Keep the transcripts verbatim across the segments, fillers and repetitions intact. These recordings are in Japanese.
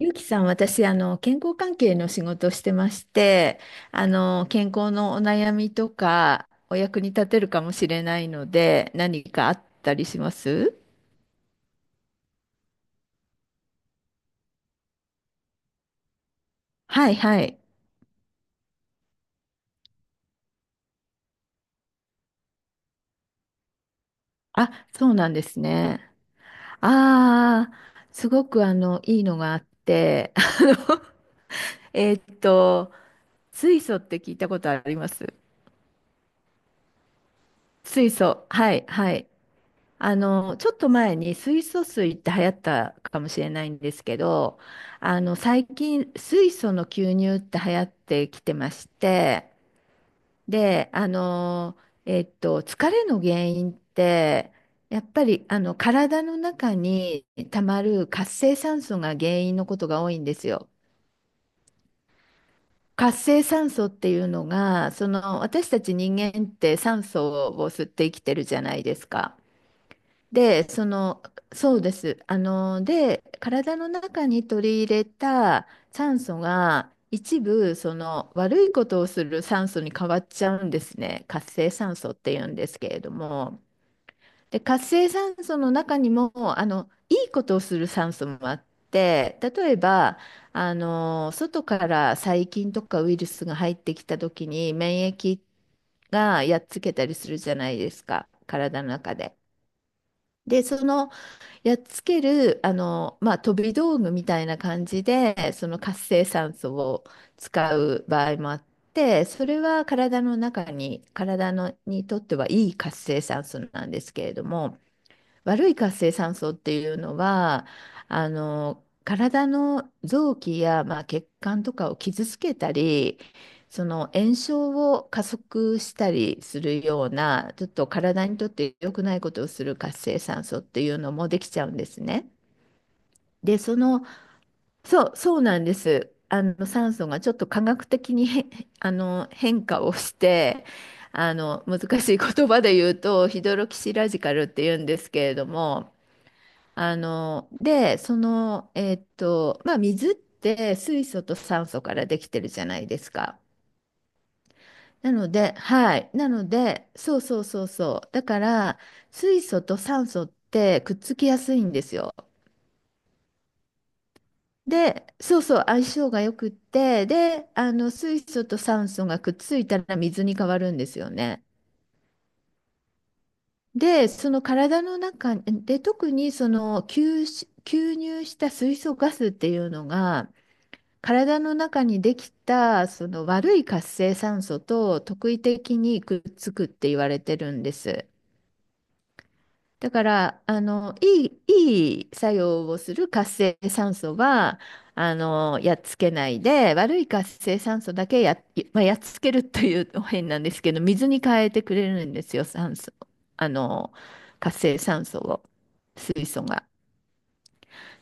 ゆうきさん、私、あの、健康関係の仕事をしてまして、あの、健康のお悩みとか、お役に立てるかもしれないので、何かあったりします？はいはい。あ、そうなんですね。ああ、すごく、あの、いいのがあって、あの、えーっと、水素って聞いたことあります？水素。はいはい。あの、ちょっと前に水素水って流行ったかもしれないんですけど、あの、最近水素の吸入って流行ってきてまして、で、あの、えっと、疲れの原因って、やっぱりあの体の中にたまる活性酸素が原因のことが多いんですよ。活性酸素っていうのが、その私たち人間って酸素を吸って生きてるじゃないですか。で、その、そうです。あの、で、体の中に取り入れた酸素が一部、その悪いことをする酸素に変わっちゃうんですね。活性酸素って言うんですけれども。で、活性酸素の中にも、あの、いいことをする酸素もあって、例えば、あの、外から細菌とかウイルスが入ってきた時に免疫がやっつけたりするじゃないですか、体の中で。で、そのやっつける、あの、まあ、飛び道具みたいな感じで、その活性酸素を使う場合もあって、それは体の中に、体のにとってはいい活性酸素なんですけれども、悪い活性酸素っていうのは、あの、体の臓器や、まあ、血管とかを傷つけたり、その炎症を加速したりするような、ちょっと体にとって良くないことをする活性酸素っていうのもできちゃうんですね。で、その、そう、そうなんです。あの、酸素がちょっと科学的に変 あの、変化をして、あの、難しい言葉で言うと、ヒドロキシラジカルっていうんですけれども、あの、で、その、えーっと、まあ、水って水素と酸素からできてるじゃないですか。なので、はい。なので、そうそうそうそう。だから、水素と酸素ってくっつきやすいんですよ。で、そうそう、相性がよくって、で、あの、水素と酸素がくっついたら水に変わるんですよね。で、その体の中で、特にその吸し、吸入した水素ガスっていうのが、体の中にできたその悪い活性酸素と特異的にくっつくって言われてるんです。だからあのいい、いい作用をする活性酸素はあのやっつけないで悪い活性酸素だけや、まあ、やっつけるというと変なんですけど水に変えてくれるんですよ、酸素、あの活性酸素を、水素が。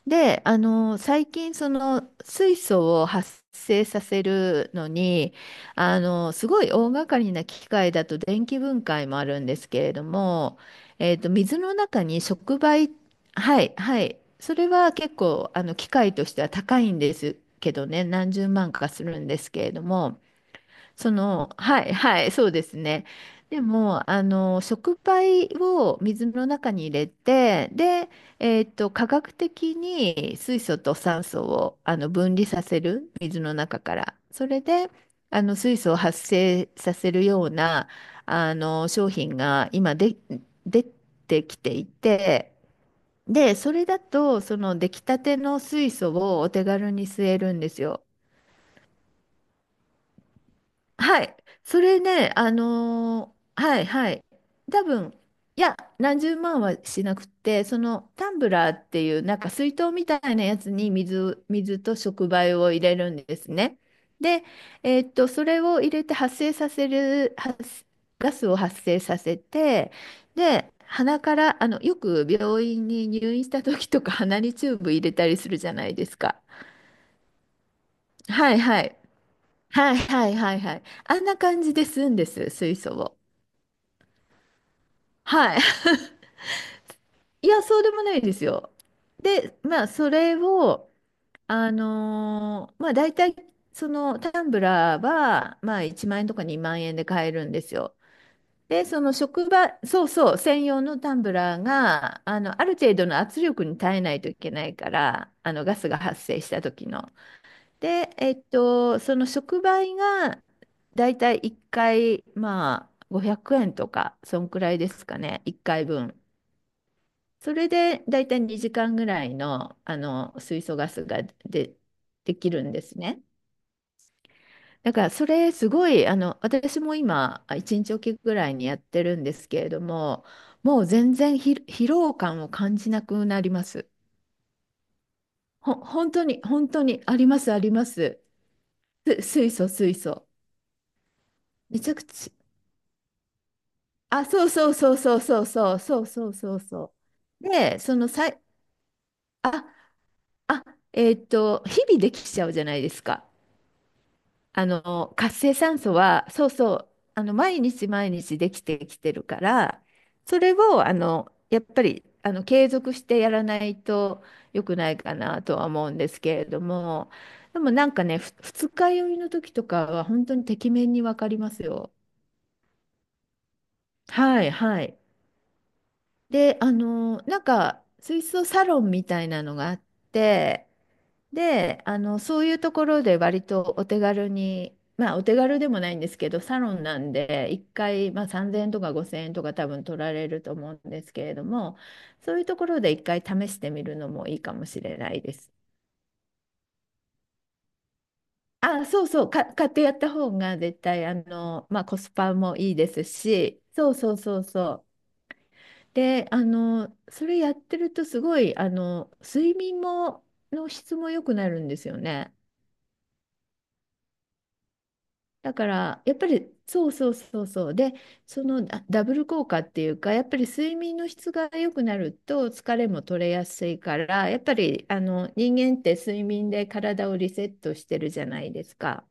で、あの、最近、その、水素を発生させるのに、あの、すごい大掛かりな機械だと電気分解もあるんですけれども、えっと、水の中に触媒、はい、はい、それは結構、あの、機械としては高いんですけどね、何十万かするんですけれども、その、はい、はい、そうですね。でも、あの、触媒を水の中に入れて、で、えっと、科学的に水素と酸素をあの分離させる、水の中から。それで、あの、水素を発生させるような、あの、商品が今で、出てきていて、で、それだと、その出来たての水素をお手軽に吸えるんですよ。はい。それね、あのーはいはい。多分、いや、何十万はしなくて、そのタンブラーっていう、なんか水筒みたいなやつに水、水と触媒を入れるんですね。で、えーっと、それを入れて発生させる、発ガスを発生させて、で、鼻から、あの、よく病院に入院した時とか鼻にチューブ入れたりするじゃないですか。はいはい。はいはいはいはい。あんな感じで吸うんです、水素を。はい。いや、そうでもないですよ。で、まあ、それを、あのーまあ、大体、そのタンブラーは、まあ、いちまん円とかにまん円で買えるんですよ。で、その職場、そうそう、専用のタンブラーが、あの、ある程度の圧力に耐えないといけないから、あの、ガスが発生した時の。で、えっと、その触媒がだいたいいっかい、まあ、ごひゃくえんとか、そんくらいですかね、いっかいぶん。それでだいたいにじかんぐらいの、あの水素ガスがで、できるんですね。だからそれすごい、あの私も今いちにちおきぐらいにやってるんですけれども、もう全然ひ疲労感を感じなくなります。ほ本当に、本当にありますあります。す水素水素。めちゃくちあ、そうそうそうそうそうそうそうそうそうそう。で、そのさい、あ、あ、えーっと、日々できちゃうじゃないですか。あの、活性酸素は、そうそう、あの、毎日毎日できてきてるから、それを、あの、やっぱり、あの、継続してやらないと良くないかなとは思うんですけれども、でもなんかね、ふ二日酔いの時とかは本当にてきめんにわかりますよ。はい、はい。で、あの、なんか、水槽サロンみたいなのがあって、で、あの、そういうところで割とお手軽に、まあ、お手軽でもないんですけど、サロンなんで、いっかい、まあ、さんぜんえんとかごせんえんとか多分取られると思うんですけれども、そういうところでいっかい試してみるのもいいかもしれないです。あ、そうそう、か、買ってやった方が絶対、あの、まあ、コスパもいいですし、そうそうそうそう。で、あの、それやってるとすごい、あの、睡眠も、の質も良くなるんですよね。だから、やっぱり、そうそうそうそう。で、そのダダブル効果っていうか、やっぱり睡眠の質が良くなると疲れも取れやすいから、やっぱり、あの、人間って睡眠で体をリセットしてるじゃないですか。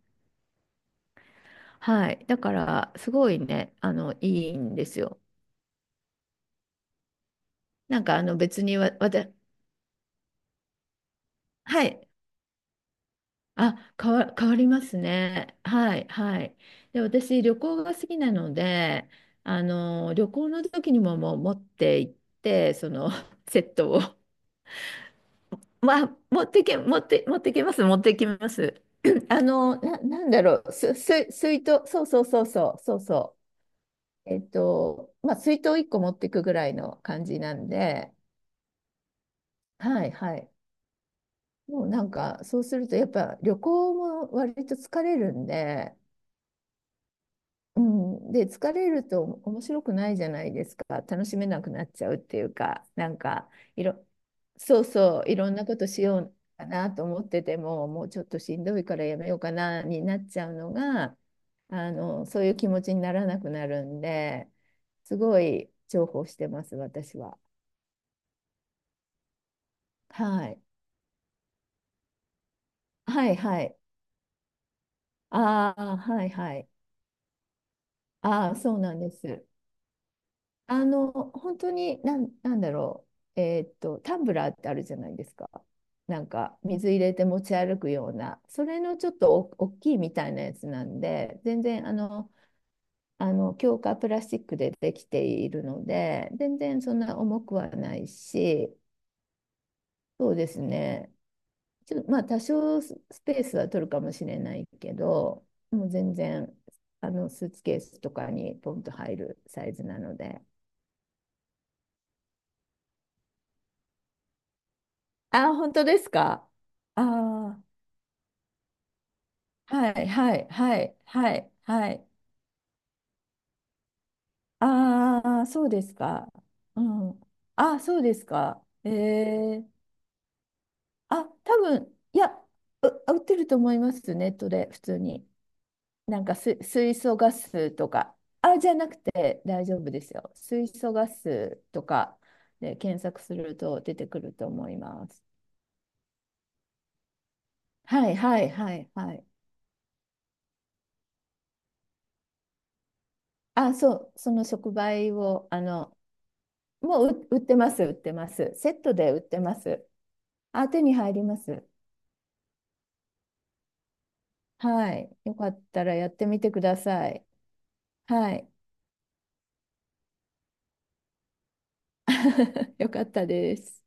はい。だから、すごいね、あの、いいんですよ。なんか、あの、別にわ、わた、はい。あ、変わ、変わりますね。はい、はい。で、私、旅行が好きなので、あの、旅行の時にももう持って行って、その、セットを。まあ、持ってけ、持って、持ってけます、持ってきます。あの、な、なんだろう、す、す、水筒、そうそうそうそう、そうそう。えっと、まあ、水筒いっこ持ってくぐらいの感じなんで、はい、はい。もうなんか、そうすると、やっぱ旅行も割と疲れるんで、うん、で疲れると面白くないじゃないですか。楽しめなくなっちゃうっていうかなんか、いろそうそう、いろんなことしようかなと思っててももうちょっとしんどいからやめようかなになっちゃうのが、あのそういう気持ちにならなくなるんで、すごい重宝してます私は。はい、はいはい。ああはいはい。ああ、そうなんです。あの、本当に、なん、なんだろう、えーっと、タンブラーってあるじゃないですか。なんか、水入れて持ち歩くような、それのちょっとお大きいみたいなやつなんで、全然、あの、あの、強化プラスチックでできているので、全然そんな重くはないし、そうですね。ちょ、まあ、多少ススペースは取るかもしれないけど、もう全然、あの、スーツケースとかにポンと入るサイズなので。あ、本当ですか？ああー、はいはいはいはいはい。ああ、そうですか。うん。あ、そうですか。ええ。あ、多分、いや、う、売ってると思います、ネットで、普通に。なんかす、水素ガスとか。あ、じゃなくて大丈夫ですよ。水素ガスとかで検索すると出てくると思います。はいはいはいはい。あ、そう、その触媒を、あの、もうう売ってます、売ってます。セットで売ってます。あ、手に入ります。はい。よかったらやってみてください。はい。よかったです。